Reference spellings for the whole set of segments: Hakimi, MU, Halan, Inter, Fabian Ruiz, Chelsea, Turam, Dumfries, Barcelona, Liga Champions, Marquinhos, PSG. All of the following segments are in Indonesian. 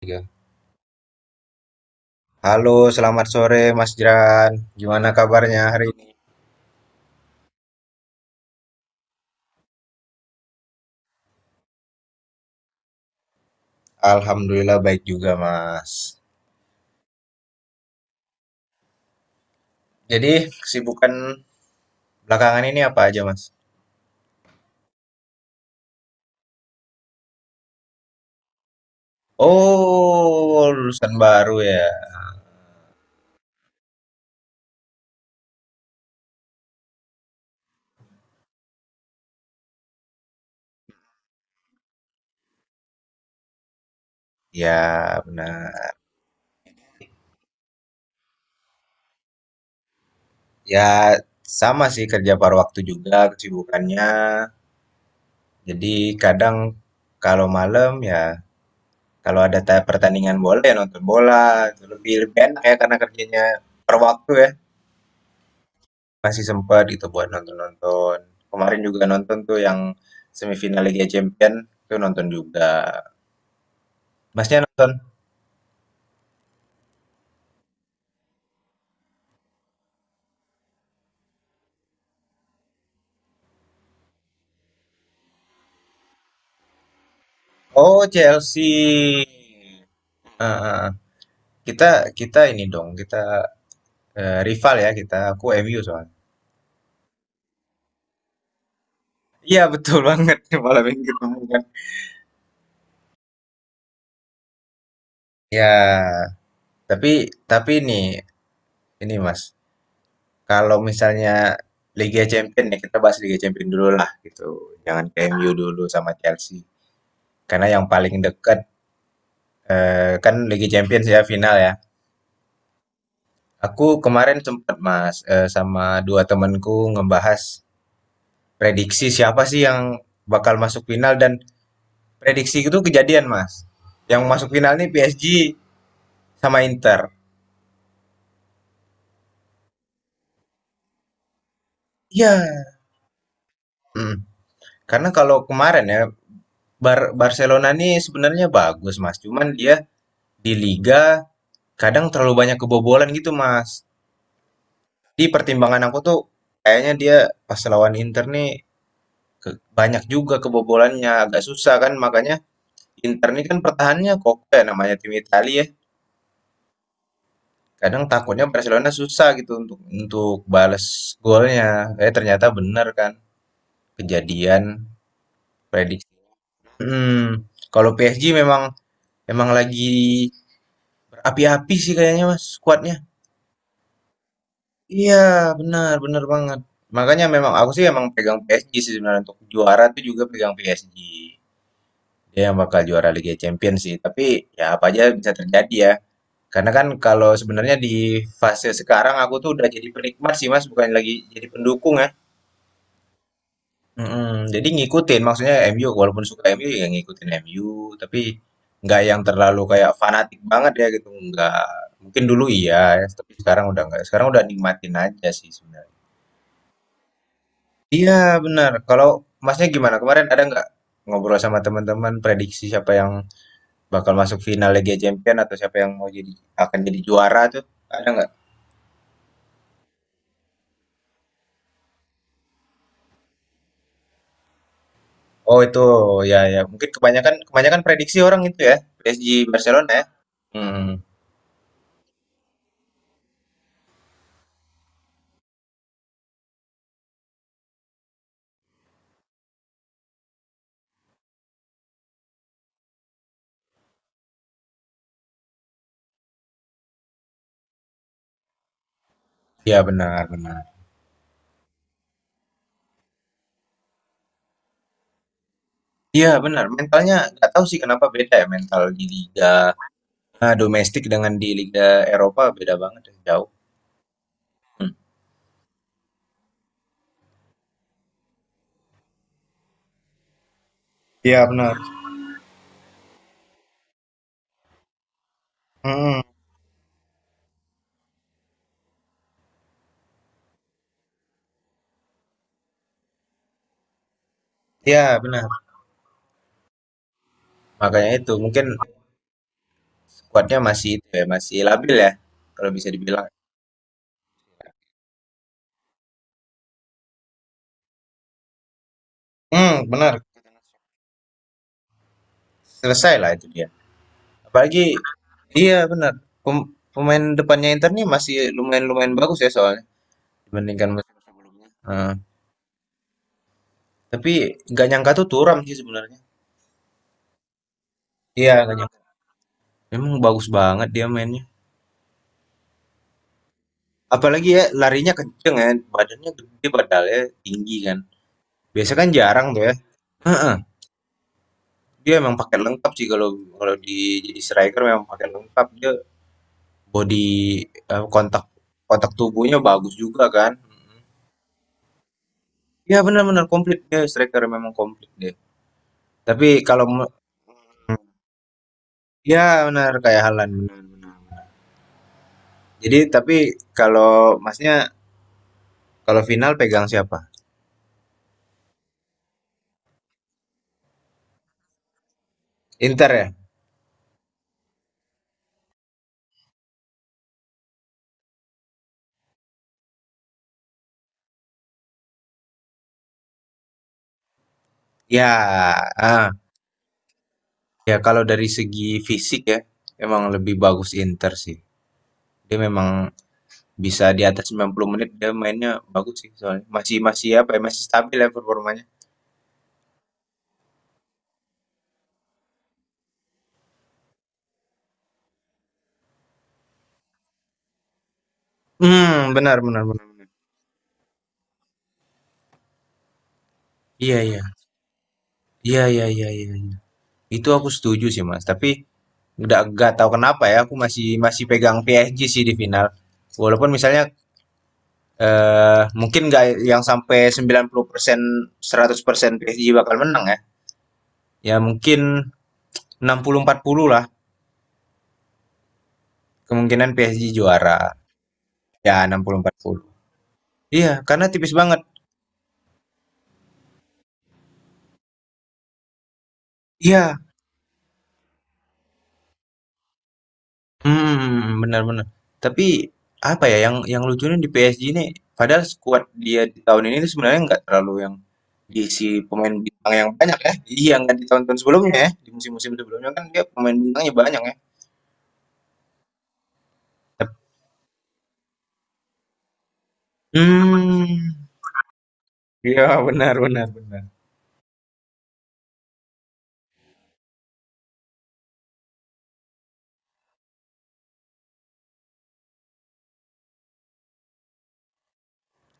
Tiga. Halo, selamat sore Mas Jeran. Gimana kabarnya hari ini? Alhamdulillah baik juga, Mas. Jadi, kesibukan belakangan ini apa aja, Mas? Oh, lulusan baru ya. Ya, benar. Ya, sama sih kerja paruh waktu juga kesibukannya. Jadi, kadang kalau malam ya kalau ada pertandingan bola ya nonton bola. Itu Lebih lebih enak ya karena kerjanya per waktu ya. Masih sempat gitu buat nonton-nonton. Kemarin juga nonton tuh yang semifinal Liga Champion tuh nonton juga. Masnya nonton? Oh, Chelsea. Ah, ah, ah. Kita kita ini dong, kita rival ya kita. Aku MU soalnya. Iya, betul banget malam ini ketemu kan. Ya, tapi tapi ini Mas, kalau misalnya Liga Champion ya kita bahas Liga Champion dulu lah gitu. Jangan ke MU dulu sama Chelsea. Karena yang paling dekat. Eh, kan Liga Champions ya final ya. Aku kemarin sempat Mas sama dua temanku ngebahas prediksi siapa sih yang bakal masuk final dan prediksi itu kejadian Mas. Yang masuk final nih PSG sama Inter. Iya. Mm. Karena kalau kemarin ya Barcelona nih sebenarnya bagus Mas. Cuman dia di liga kadang terlalu banyak kebobolan gitu Mas. Di pertimbangan aku tuh kayaknya dia pas lawan Inter nih Ke banyak juga kebobolannya, agak susah kan makanya Inter ini kan pertahanannya kokoh ya namanya tim Italia ya. Kadang takutnya Barcelona susah gitu untuk balas golnya. Eh, ternyata benar kan kejadian prediksi. Hmm, kalau PSG memang memang lagi berapi-api sih kayaknya Mas skuadnya. Iya, benar benar banget. Makanya memang aku sih emang pegang PSG sih sebenarnya untuk juara tuh juga pegang PSG. Dia yang bakal juara Liga Champions sih, tapi ya apa aja bisa terjadi ya. Karena kan kalau sebenarnya di fase sekarang aku tuh udah jadi penikmat sih Mas, bukan lagi jadi pendukung ya. Mm-mm. Jadi ngikutin, maksudnya MU walaupun suka MU ya ngikutin MU, tapi nggak yang terlalu kayak fanatik banget ya gitu, nggak. Mungkin dulu iya, ya. Tapi sekarang udah nggak. Sekarang udah nikmatin aja sih sebenarnya. Iya, benar. Kalau Masnya gimana? Kemarin ada nggak ngobrol sama teman-teman prediksi siapa yang bakal masuk final Liga Champion atau siapa yang mau jadi akan jadi juara tuh? Ada nggak? Oh, itu ya mungkin kebanyakan kebanyakan prediksi orang itu ya PSG Barcelona ya. Hmm, ya, benar benar. Iya, benar mentalnya nggak tahu sih kenapa beda ya mental di liga domestik dengan di liga Eropa beda banget ya, jauh. Iya, benar. Hmm, mm. Iya, benar makanya itu mungkin kuatnya masih itu ya masih labil ya kalau bisa dibilang. Hmm, benar. Selesai lah itu dia. Apalagi. Iya, benar. Pemain depannya Inter nih masih lumayan lumayan bagus ya soalnya, dibandingkan musim sebelumnya. Heeh. Tapi nggak nyangka tuh Turam sih sebenarnya. Iya, nggak nyangka. Memang bagus banget dia mainnya. Apalagi ya larinya kenceng ya, badannya gede padahal tinggi kan. Biasa kan jarang tuh ya. Heeh. Dia memang pakai lengkap sih kalau kalau di jadi striker memang pakai lengkap dia body, eh, kontak kontak tubuhnya bagus juga kan. Mm-mm. Iya, benar-benar komplit dia striker memang komplit dia. Tapi kalau ya benar kayak Halan benar-benar. Jadi tapi kalau masnya kalau final pegang siapa? Inter ya? Ya, ah, ya kalau dari segi fisik ya, emang lebih bagus Inter sih. Dia memang bisa di atas 90 menit dia mainnya bagus sih soalnya. Masih masih apa ya? Masih stabil ya performanya. Benar, benar, benar. Iya, iya. Iya, iya, iya, iya. Itu aku setuju sih Mas, tapi nggak tahu kenapa ya aku masih masih pegang PSG sih di final. Walaupun misalnya mungkin nggak yang sampai 90% 100% PSG bakal menang ya. Ya, mungkin 60-40 lah kemungkinan PSG juara. Ya, 60-40. Iya, karena tipis banget. Iya. Benar-benar. Tapi apa ya yang lucunya di PSG ini padahal skuad dia di tahun ini tuh sebenarnya nggak terlalu yang diisi pemain bintang yang banyak ya. Iya, nggak di tahun-tahun sebelumnya ya. Di musim-musim sebelumnya kan dia pemain bintangnya banyak ya. Tep- Hmm. Iya, benar benar benar.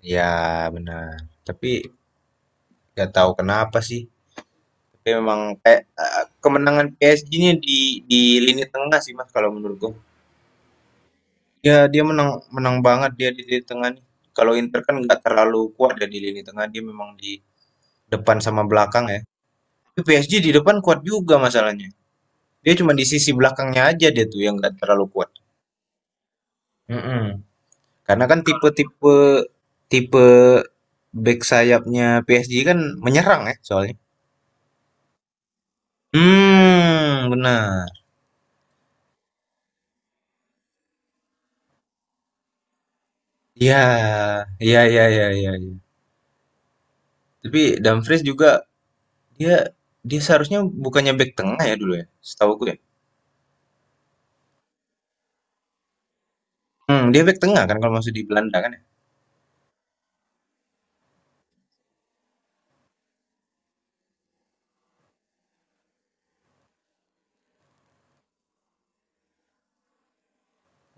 Iya, benar. Tapi nggak tahu kenapa sih. Tapi memang kayak, kemenangan PSG ini di lini tengah sih Mas kalau menurutku. Ya dia menang menang banget dia di lini tengah nih. Kalau Inter kan nggak terlalu kuat ya di lini tengah, dia memang di depan sama belakang ya. Tapi PSG di depan kuat juga masalahnya. Dia cuma di sisi belakangnya aja dia tuh yang nggak terlalu kuat. Mhm. Karena kan tipe back sayapnya PSG kan menyerang ya soalnya. Hmm, benar. Ya, ya, ya, ya, ya. Iya. Tapi Dumfries juga dia dia seharusnya bukannya back tengah ya dulu ya, setahuku ya. Dia back tengah kan kalau masuk di Belanda kan ya.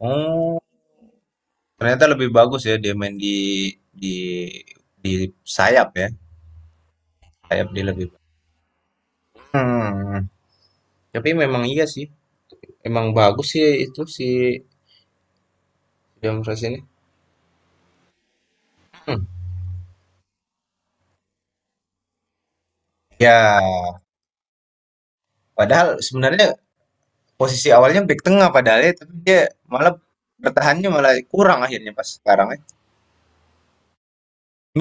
Oh, ternyata lebih bagus ya dia main di di sayap ya. Sayap dia lebih bagus. Hmm, tapi memang iya sih. Emang bagus sih itu si Dumfries ini. Hmm. Ya, padahal sebenarnya posisi awalnya back tengah padahal ya, tapi dia malah bertahannya malah kurang akhirnya pas sekarang ya.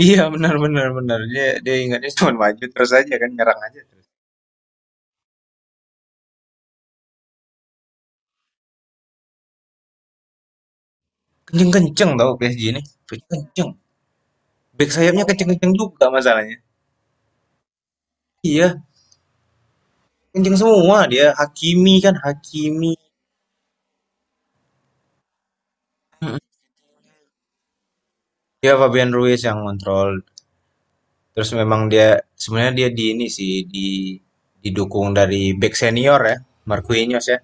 Iya, benar benar benar. Dia dia ingatnya cuma maju terus aja kan nyerang aja. Kenceng-kenceng tau PSG ini. Kenceng. Back sayapnya kenceng-kenceng juga masalahnya. Iya, kenceng semua dia. Hakimi kan Hakimi. Mm-mm. Dia Fabian Ruiz yang kontrol. Terus memang dia sebenarnya dia di ini sih didukung dari back senior ya, Marquinhos ya.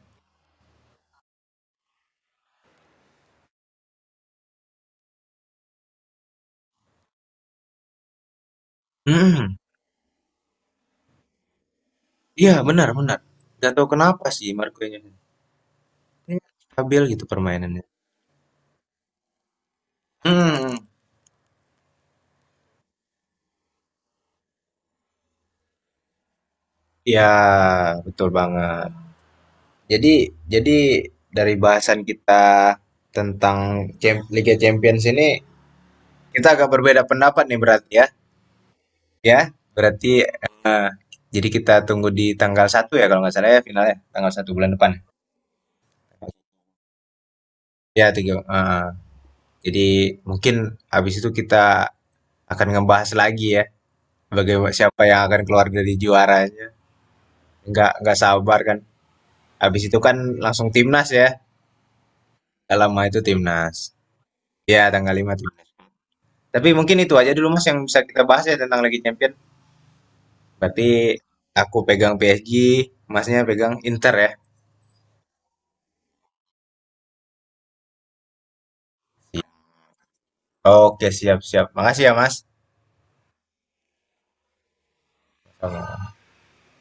Mm-mm. Iya, benar benar. Gak tahu kenapa sih Marquinhos. Ini stabil gitu permainannya. Hmm. Ya, betul banget. Jadi dari bahasan kita tentang Liga Champions ini kita agak berbeda pendapat nih berarti ya. Ya, berarti eh, jadi kita tunggu di tanggal 1 ya kalau nggak salah ya finalnya tanggal 1 bulan depan. Ya, tiga. Jadi mungkin habis itu kita akan ngebahas lagi ya bagaimana siapa yang akan keluar dari juaranya. Nggak sabar kan. Habis itu kan langsung timnas ya. Gak lama itu timnas. Ya, tanggal 5, timnas. Tapi mungkin itu aja dulu Mas yang bisa kita bahas ya tentang Liga Champion. Berarti aku pegang PSG, Masnya pegang Inter ya. Oke, siap-siap. Makasih ya Mas. Sama.